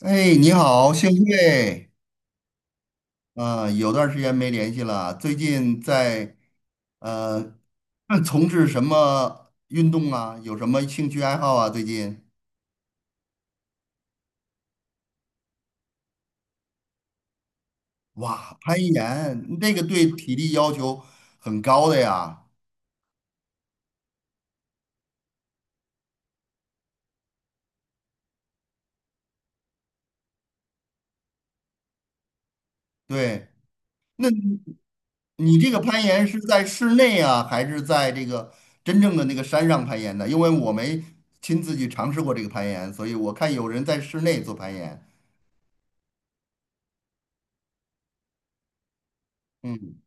你好，幸会。有段儿时间没联系了。最近在呃那 从事什么运动啊？有什么兴趣爱好啊？最近。哇，攀岩，那个对体力要求很高的呀。对。那你这个攀岩是在室内啊，还是在这个真正的那个山上攀岩的？因为我没亲自去尝试过这个攀岩，所以我看有人在室内做攀岩。嗯。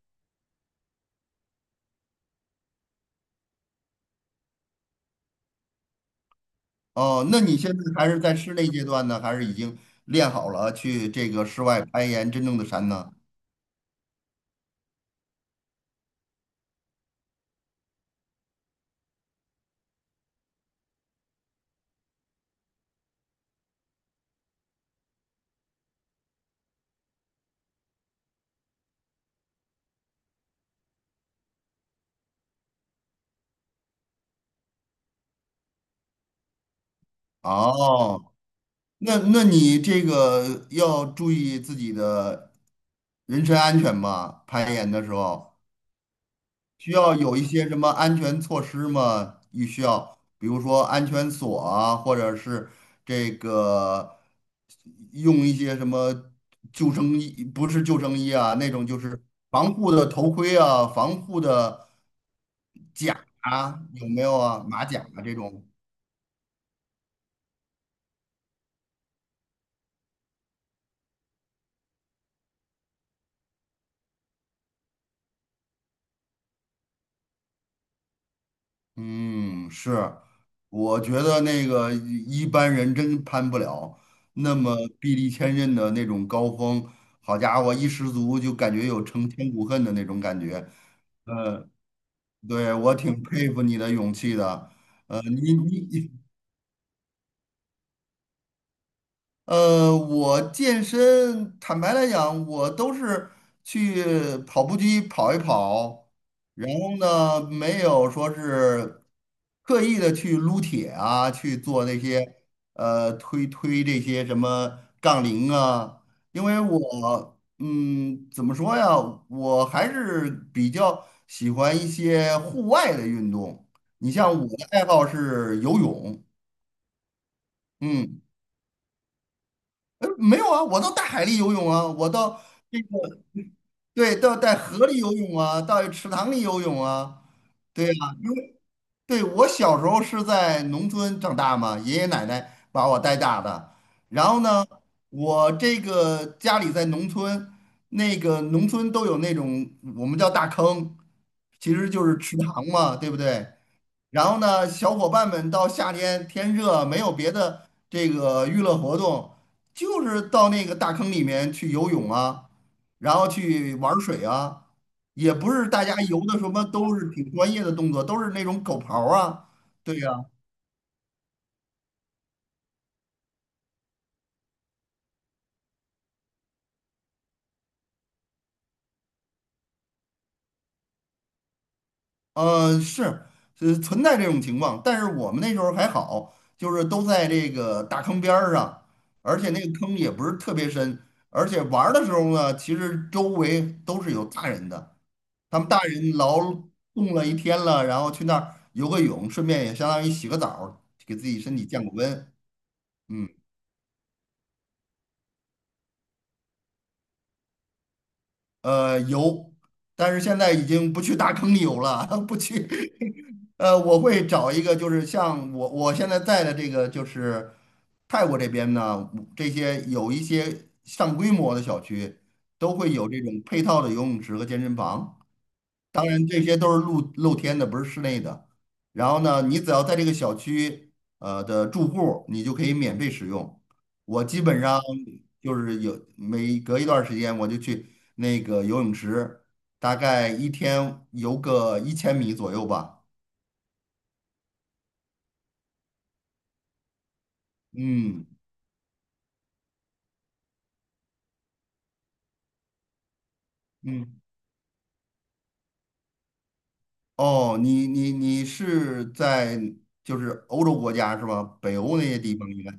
哦，那你现在还是在室内阶段呢，还是已经练好了去这个室外攀岩真正的山呢？哦，那你这个要注意自己的人身安全吧，攀岩的时候。需要有一些什么安全措施吗？你需要，比如说安全锁啊，或者是这个用一些什么救生衣，不是救生衣啊，那种就是防护的头盔啊，防护的甲啊，有没有啊？马甲啊这种。嗯，是。我觉得那个一般人真攀不了那么臂力千仞的那种高峰，好家伙，一失足就感觉有成千古恨的那种感觉。对，我挺佩服你的勇气的。呃，你你 我健身，坦白来讲，我都是去跑步机跑一跑，然后呢，没有说是刻意的去撸铁啊，去做那些推推这些什么杠铃啊，因为我怎么说呀，我还是比较喜欢一些户外的运动。你像我的爱好是游泳。嗯。没有啊，我到大海里游泳啊，我到这个，对，到在河里游泳啊，到池塘里游泳啊。对，对，我小时候是在农村长大嘛，爷爷奶奶把我带大的。然后呢，我这个家里在农村，那个农村都有那种我们叫大坑，其实就是池塘嘛，对不对？然后呢，小伙伴们到夏天天热，没有别的这个娱乐活动，就是到那个大坑里面去游泳啊，然后去玩水啊。也不是大家游的什么都是挺专业的动作，都是那种狗刨啊。对呀。是。存在这种情况，但是我们那时候还好，就是都在这个大坑边儿上，而且那个坑也不是特别深，而且玩儿的时候呢，其实周围都是有大人的，他们大人劳动了一天了，然后去那儿游个泳，顺便也相当于洗个澡儿给自己身体降个温。嗯。游。但是现在已经不去大坑里游了，不去呃，我会找一个，就是像我现在在的这个，就是泰国这边呢，这些有一些上规模的小区都会有这种配套的游泳池和健身房，当然这些都是露天的，不是室内的。然后呢，你只要在这个小区的住户，你就可以免费使用。我基本上就是有每隔一段时间我就去那个游泳池，大概一天游个1000米左右吧。嗯。嗯，哦，你是在就是欧洲国家是吧？北欧那些地方应该。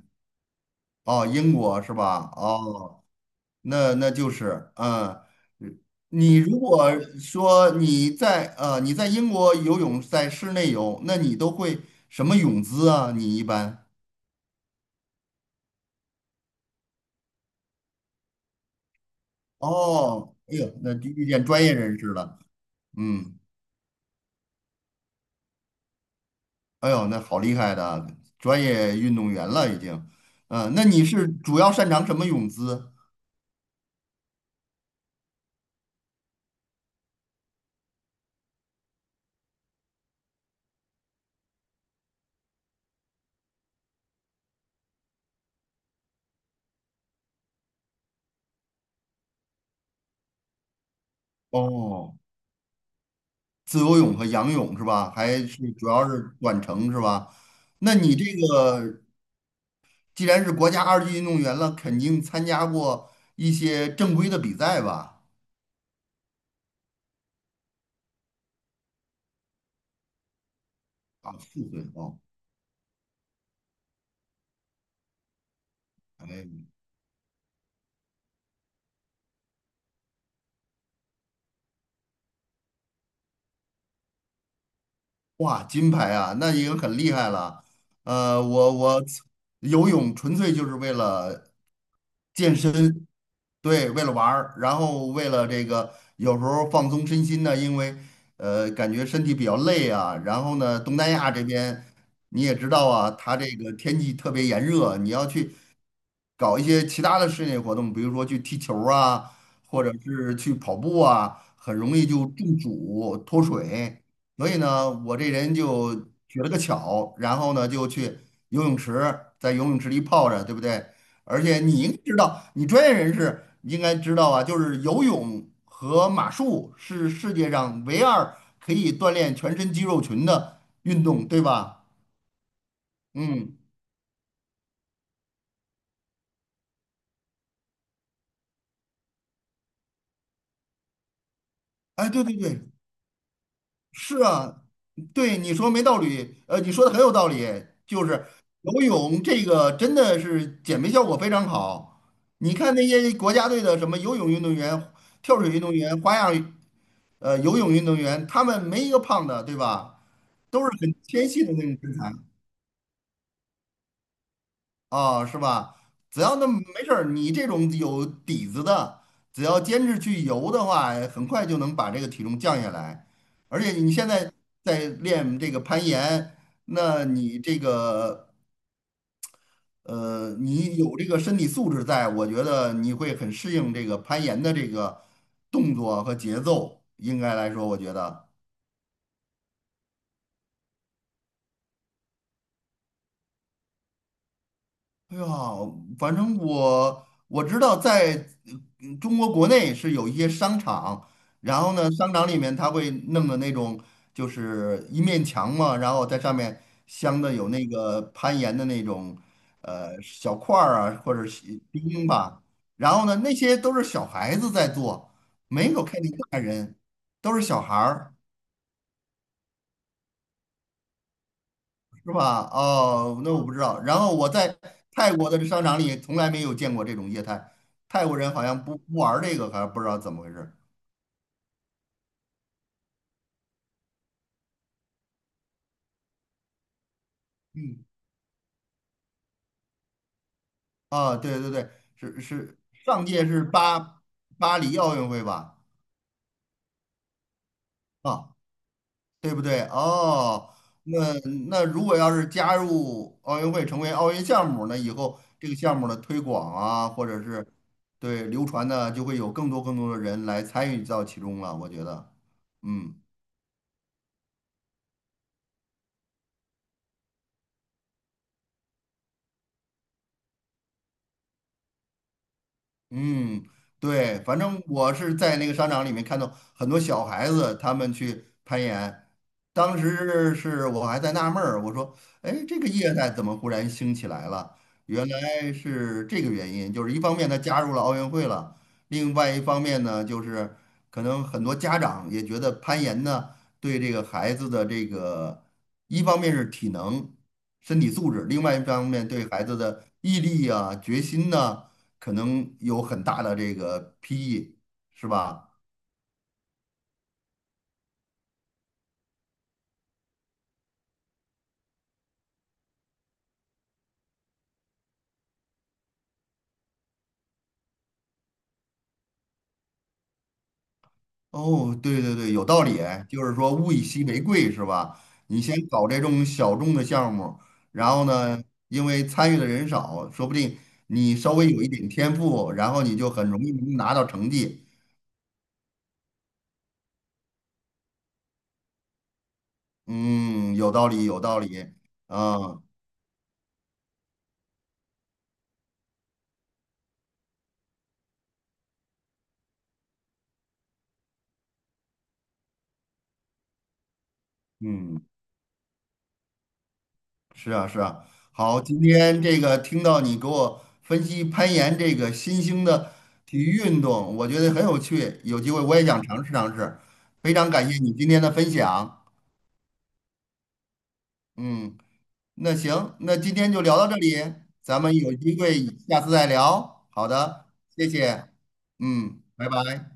哦，英国是吧？哦，那就是。嗯，你如果说你在英国游泳在室内游，那你都会什么泳姿啊？你一般。哦，哎呦，那就遇见专业人士了。嗯。哎呦，那好厉害的，专业运动员了已经。嗯，那你是主要擅长什么泳姿？哦，自由泳和仰泳是吧？还是主要是短程是吧？那你这个既然是国家二级运动员了，肯定参加过一些正规的比赛吧？啊，4岁哦。哎，哇，金牌啊，那已经很厉害了。我游泳纯粹就是为了健身。对，为了玩儿，然后为了这个有时候放松身心呢，因为感觉身体比较累啊。然后呢，东南亚这边你也知道啊，它这个天气特别炎热，你要去搞一些其他的室内活动，比如说去踢球儿啊，或者是去跑步啊，很容易就中暑脱水。所以呢，我这人就取了个巧，然后呢就去游泳池，在游泳池里泡着，对不对？而且你应该知道，你专业人士应该知道啊，就是游泳和马术是世界上唯二可以锻炼全身肌肉群的运动，对吧？嗯，哎，对对对，是啊。对你说没道理，你说的很有道理，就是游泳这个真的是减肥效果非常好。你看那些国家队的什么游泳运动员、跳水运动员、花样游泳运动员，他们没一个胖的，对吧？都是很纤细的那种身材。哦，是吧？只要那没事儿，你这种有底子的，只要坚持去游的话，很快就能把这个体重降下来。而且你现在在练这个攀岩，那你这个你有这个身体素质在，我觉得你会很适应这个攀岩的这个动作和节奏。应该来说，我觉得。哎呀，反正我知道在中国国内是有一些商场，然后呢，商场里面它会弄的那种就是一面墙嘛，然后在上面镶的有那个攀岩的那种小块儿啊，或者是钉吧，然后呢，那些都是小孩子在做，没有看见大人，都是小孩儿。是吧？哦，那我不知道。然后我在泰国的商场里从来没有见过这种业态，泰国人好像不玩儿这个，还不知道怎么回事。嗯，啊，对对对，是是，上届是巴黎奥运会吧？啊，对不对？哦，那那如果要是加入奥运会，成为奥运项目，那以后这个项目的推广啊，或者是对流传呢，就会有更多更多的人来参与到其中了。我觉得。嗯。嗯，对，反正我是在那个商场里面看到很多小孩子他们去攀岩，当时是我还在纳闷儿，我说，哎，这个业态怎么忽然兴起来了？原来是这个原因，就是一方面它加入了奥运会了，另外一方面呢，就是可能很多家长也觉得攀岩呢对这个孩子的这个，一方面是体能、身体素质，另外一方面对孩子的毅力啊、决心呐。可能有很大的这个裨益，是吧？哦，对对对，有道理。哎，就是说物以稀为贵，是吧？你先搞这种小众的项目，然后呢，因为参与的人少，说不定你稍微有一点天赋，然后你就很容易能拿到成绩。嗯，有道理，有道理。啊，嗯。是啊，是啊。好，今天这个听到你给我分析攀岩这个新兴的体育运动，我觉得很有趣，有机会我也想尝试尝试。非常感谢你今天的分享。嗯，那行，那今天就聊到这里，咱们有机会下次再聊。好的，谢谢。嗯，拜拜。